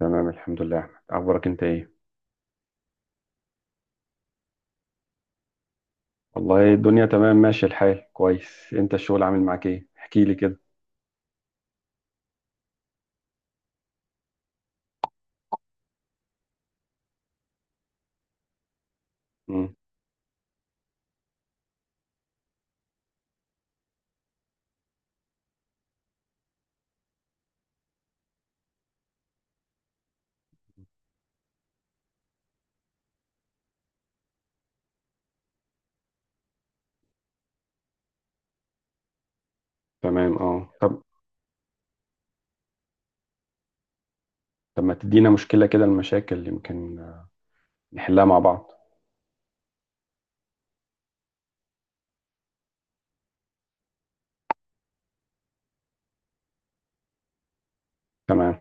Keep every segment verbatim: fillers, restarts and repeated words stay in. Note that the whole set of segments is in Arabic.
تمام، الحمد لله يا احمد. اخبارك انت ايه؟ والله الدنيا تمام، ماشي الحال كويس. انت الشغل عامل معاك ايه؟ احكي لي كده. امم. تمام، اه، طب. طب ما تدينا مشكله كده، المشاكل يمكن آه، نحلها مع بعض. تمام.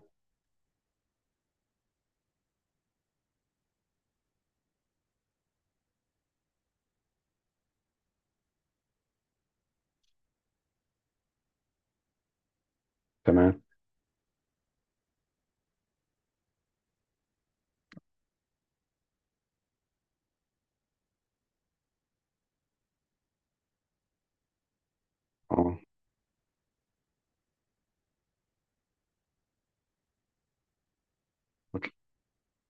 تمام، اه، وت-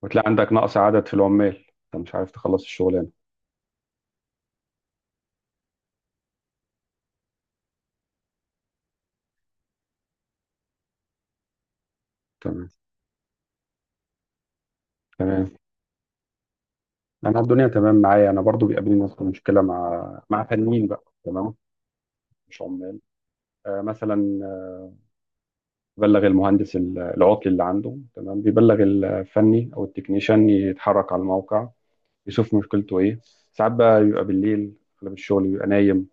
وتلاقي عندك نقص عدد في العمال، انت مش عارف تخلص الشغلانه. تمام. تمام، انا الدنيا تمام معايا. انا برضو بيقابلني نفس المشكله مع مع فنيين بقى، تمام، مش عمال. آه مثلا بلغ المهندس العطل اللي عنده، تمام، بيبلغ الفني او التكنيشن، يتحرك على الموقع يشوف مشكلته ايه. ساعات بقى بيبقى بالليل، اغلب الشغل بيبقى نايم،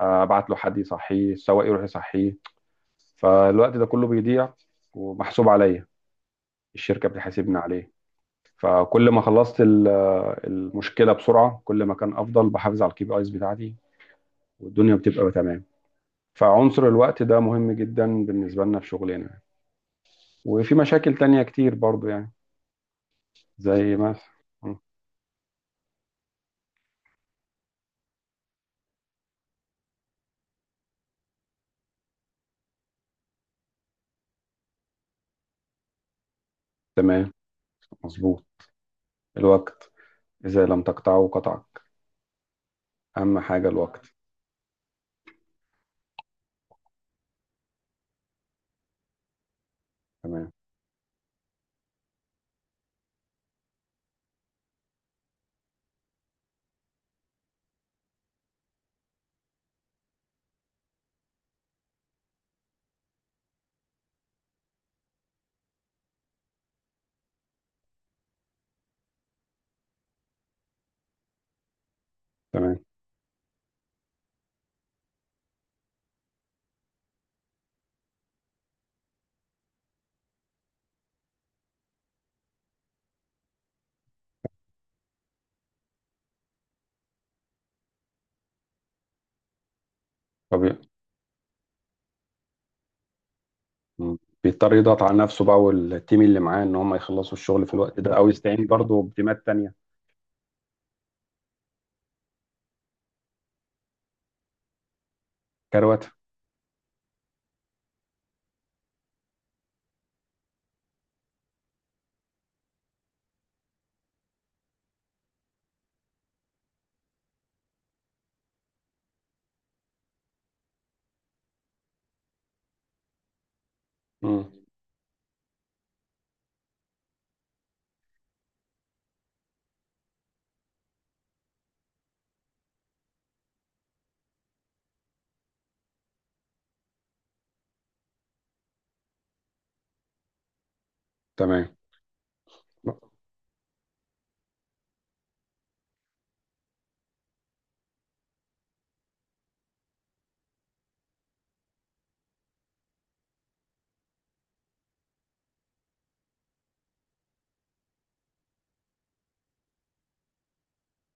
آه، ابعت له حد يصحيه، السواق يروح يصحيه. فالوقت ده كله بيضيع ومحسوب عليا، الشركة بتحاسبني عليه. فكل ما خلصت ال- المشكلة بسرعة كل ما كان افضل، بحافظ على الكي بي ايز بتاعتي والدنيا بتبقى تمام. فعنصر الوقت ده مهم جدا بالنسبة لنا في شغلنا. وفي مشاكل تانية كتير برضو يعني، زي مثلا. مم. تمام، مظبوط. الوقت إذا لم تقطعه قطعك. أهم حاجة الوقت. تمام. تمام. طبيعي. مم. بيضطر يضغط على نفسه بقى، والتيم اللي معاه إن هم يخلصوا الشغل في الوقت ده، أو يستعين برضه بتيمات تانية كرواتة. مم. تمام.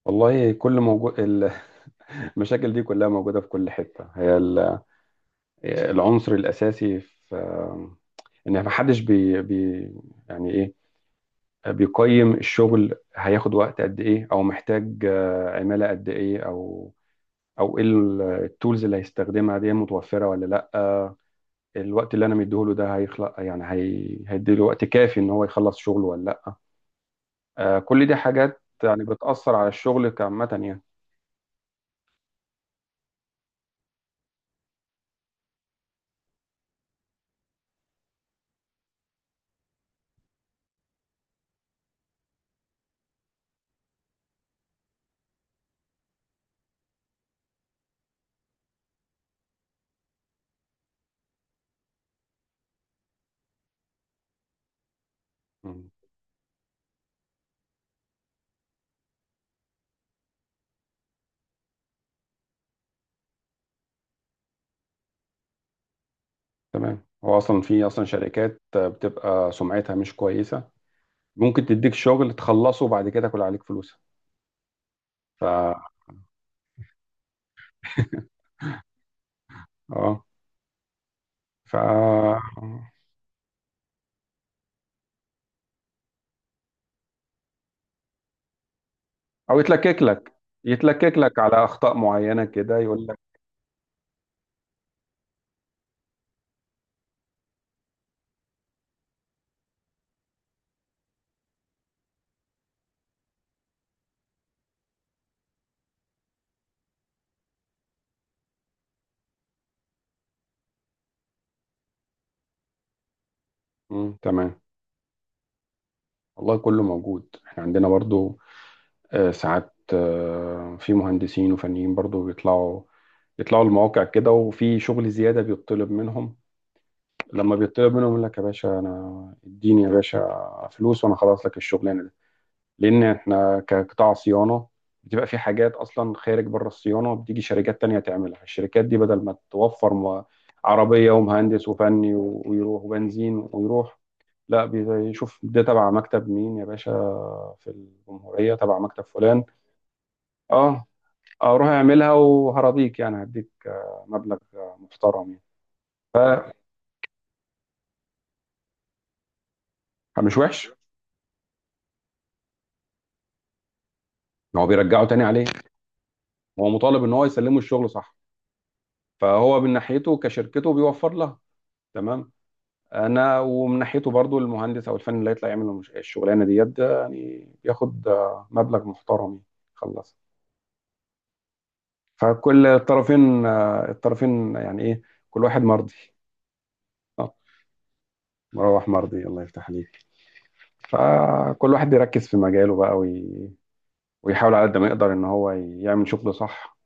والله كل موجود المشاكل دي كلها موجودة في كل حتة. هي ال- العنصر الأساسي في إن محدش بي... بي يعني إيه، بيقيم الشغل هياخد وقت قد ايه، او محتاج آه، عمالة قد ايه، او او ايه، التولز اللي هيستخدمها دي متوفرة ولا لا، الوقت اللي انا مديهوله ده هيخلق يعني هي... هيديله وقت كافي ان هو يخلص شغله ولا لا. آه، كل دي حاجات يعني بتأثر على الشغل كعامة يعني. مم. تمام. هو اصلا في اصلا شركات آه، بتبقى سمعتها مش كويسة، ممكن تديك شغل تخلصه وبعد كده كل عليك فلوسها. ف اه. ف او يتلكك لك يتلكك لك على اخطاء معينه كده، يقول لك. مم. تمام. والله كله موجود احنا عندنا برضو. آه، ساعات آه، في مهندسين وفنيين برضو بيطلعوا، يطلعوا المواقع كده، وفي شغل زياده بيطلب منهم. لما بيطلب منهم يقول لك يا باشا، انا اديني يا باشا فلوس وانا خلاص لك الشغلانه. لان احنا كقطاع صيانه بتبقى في حاجات اصلا خارج بره الصيانه، بتيجي شركات تانية تعملها. الشركات دي بدل ما توفر م- عربيه ومهندس وفني و- ويروح وبنزين ويروح، لا، بيشوف ده تبع مكتب مين يا باشا، في الجمهوريه تبع مكتب فلان. اه، اروح اعملها وهرضيك يعني، هديك مبلغ محترم يعني، مش وحش. هو بيرجعه تاني عليه، هو مطالب ان هو يسلمه الشغل صح. فهو من ناحيته كشركته بيوفر لها. تمام. انا ومن ناحيته برضو المهندس او الفني اللي هيطلع يعمل المش- الشغلانه ديت ده يعني، بياخد آه، مبلغ محترم يعني، خلص. فكل الطرفين آه، الطرفين يعني ايه، كل واحد مرضي. آه، مروح مرضي. الله يفتح عليك. فكل واحد بيركز في مجاله بقى، وي... ويحاول على قد ما يقدر ان هو يعمل شغل صح،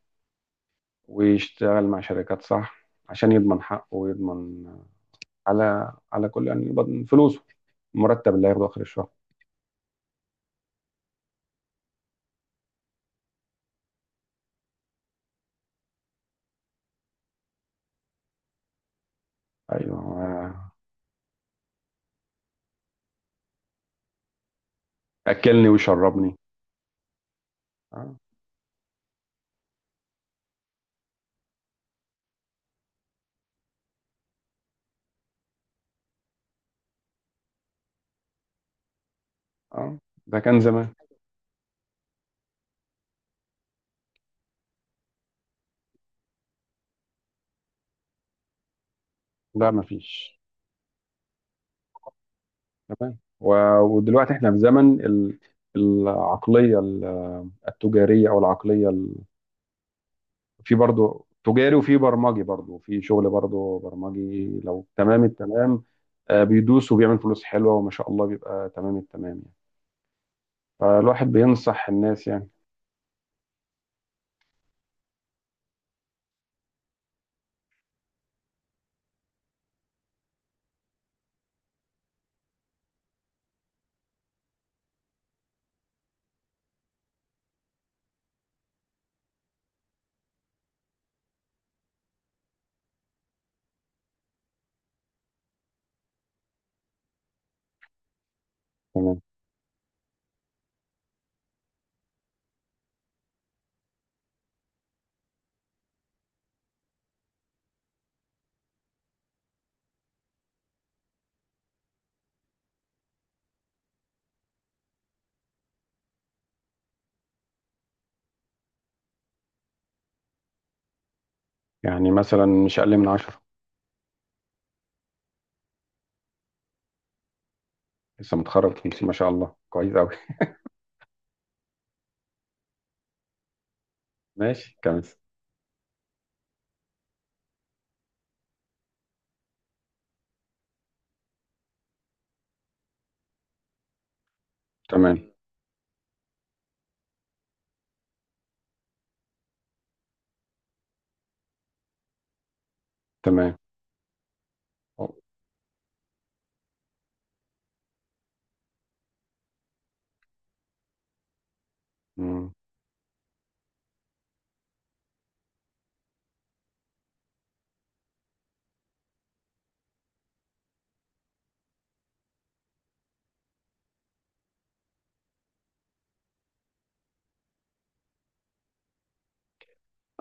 ويشتغل مع شركات صح عشان يضمن حقه ويضمن على على كل يعني، يضمن فلوسه، المرتب اللي هياخده اخر الشهر. ايوه. آه، اكلني وشربني. اه. اه. ده كان زمان. لا مفيش. تمام، و- ودلوقتي احنا في زمن ال- العقلية ال- التجارية، او العقلية ال... في برضو تجاري، وفي برمجي برضو، في شغل برضو برمجي لو تمام التمام، آه، بيدوس وبيعمل فلوس حلوة وما شاء الله بيبقى تمام التمام يعني. فالواحد بينصح الناس يعني. تمام. يعني مثلا مش اقل من عشرة. لسه متخرج خمسين، ما شاء الله كويس قوي. ماشي كويس. تمام. تمام. مم.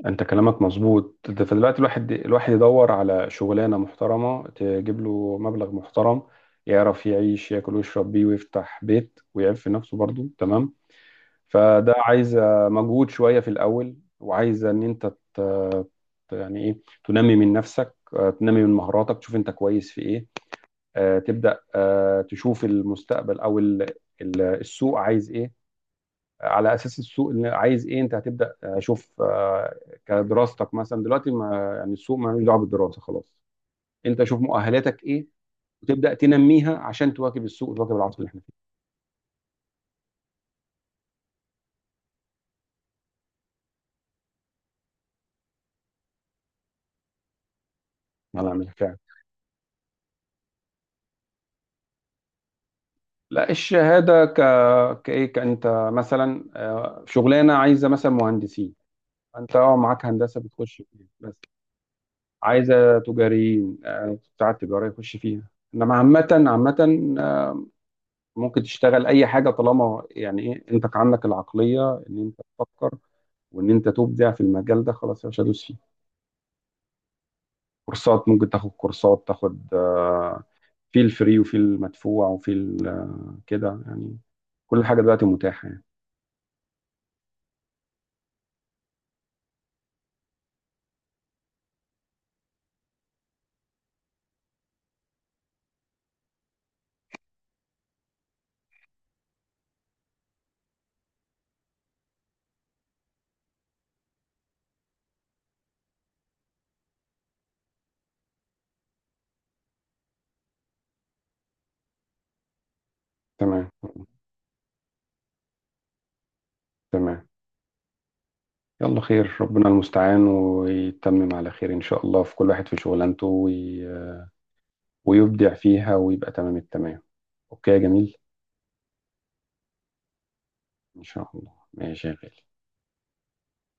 انت كلامك مظبوط ده. فدلوقتي الواحد، الواحد يدور على شغلانه محترمه تجيب له مبلغ محترم، يعرف يعيش، ياكل ويشرب بيه ويفتح بيت ويعيب في نفسه برضه، تمام. فده عايز مجهود شويه في الاول، وعايز ان انت ت- يعني ايه، تنمي من نفسك، آه، تنمي من مهاراتك، تشوف انت كويس في ايه، آه، تبدا آه، تشوف المستقبل او ال- ال- السوق عايز ايه. على اساس السوق اللي عايز ايه انت هتبدا آه، شوف، آه، كدراستك مثلا دلوقتي ما يعني، السوق ما لوش دعوه بالدراسه خلاص. انت شوف مؤهلاتك ايه وتبدا تنميها عشان تواكب السوق وتواكب العصر اللي احنا فيه. الله يعمل فعلا. لا الشهاده ك كايه كانت. مثلا آه، شغلانه عايزه مثلا مهندسين، انت اه معاك هندسه بتخش فيها بس. عايزه تجاريين، آه، بتاع التجاره يخش فيها. انما عامه عامه، ممكن تشتغل اي حاجه طالما يعني ايه، انت عندك العقليه ان انت تفكر وان انت تبدع في المجال ده، خلاص يا باشا دوس فيه. كورسات، ممكن تاخد كورسات، تاخد آه، في الفري وفي المدفوع وفي ال- كده يعني. كل حاجه دلوقتي متاحه يعني. تمام. تمام. يلا خير، ربنا المستعان ويتمم على خير ان شاء الله. في كل واحد في شغلانته وي... ويبدع فيها ويبقى تمام التمام. اوكي يا جميل. ان شاء الله ماشي يا غالي.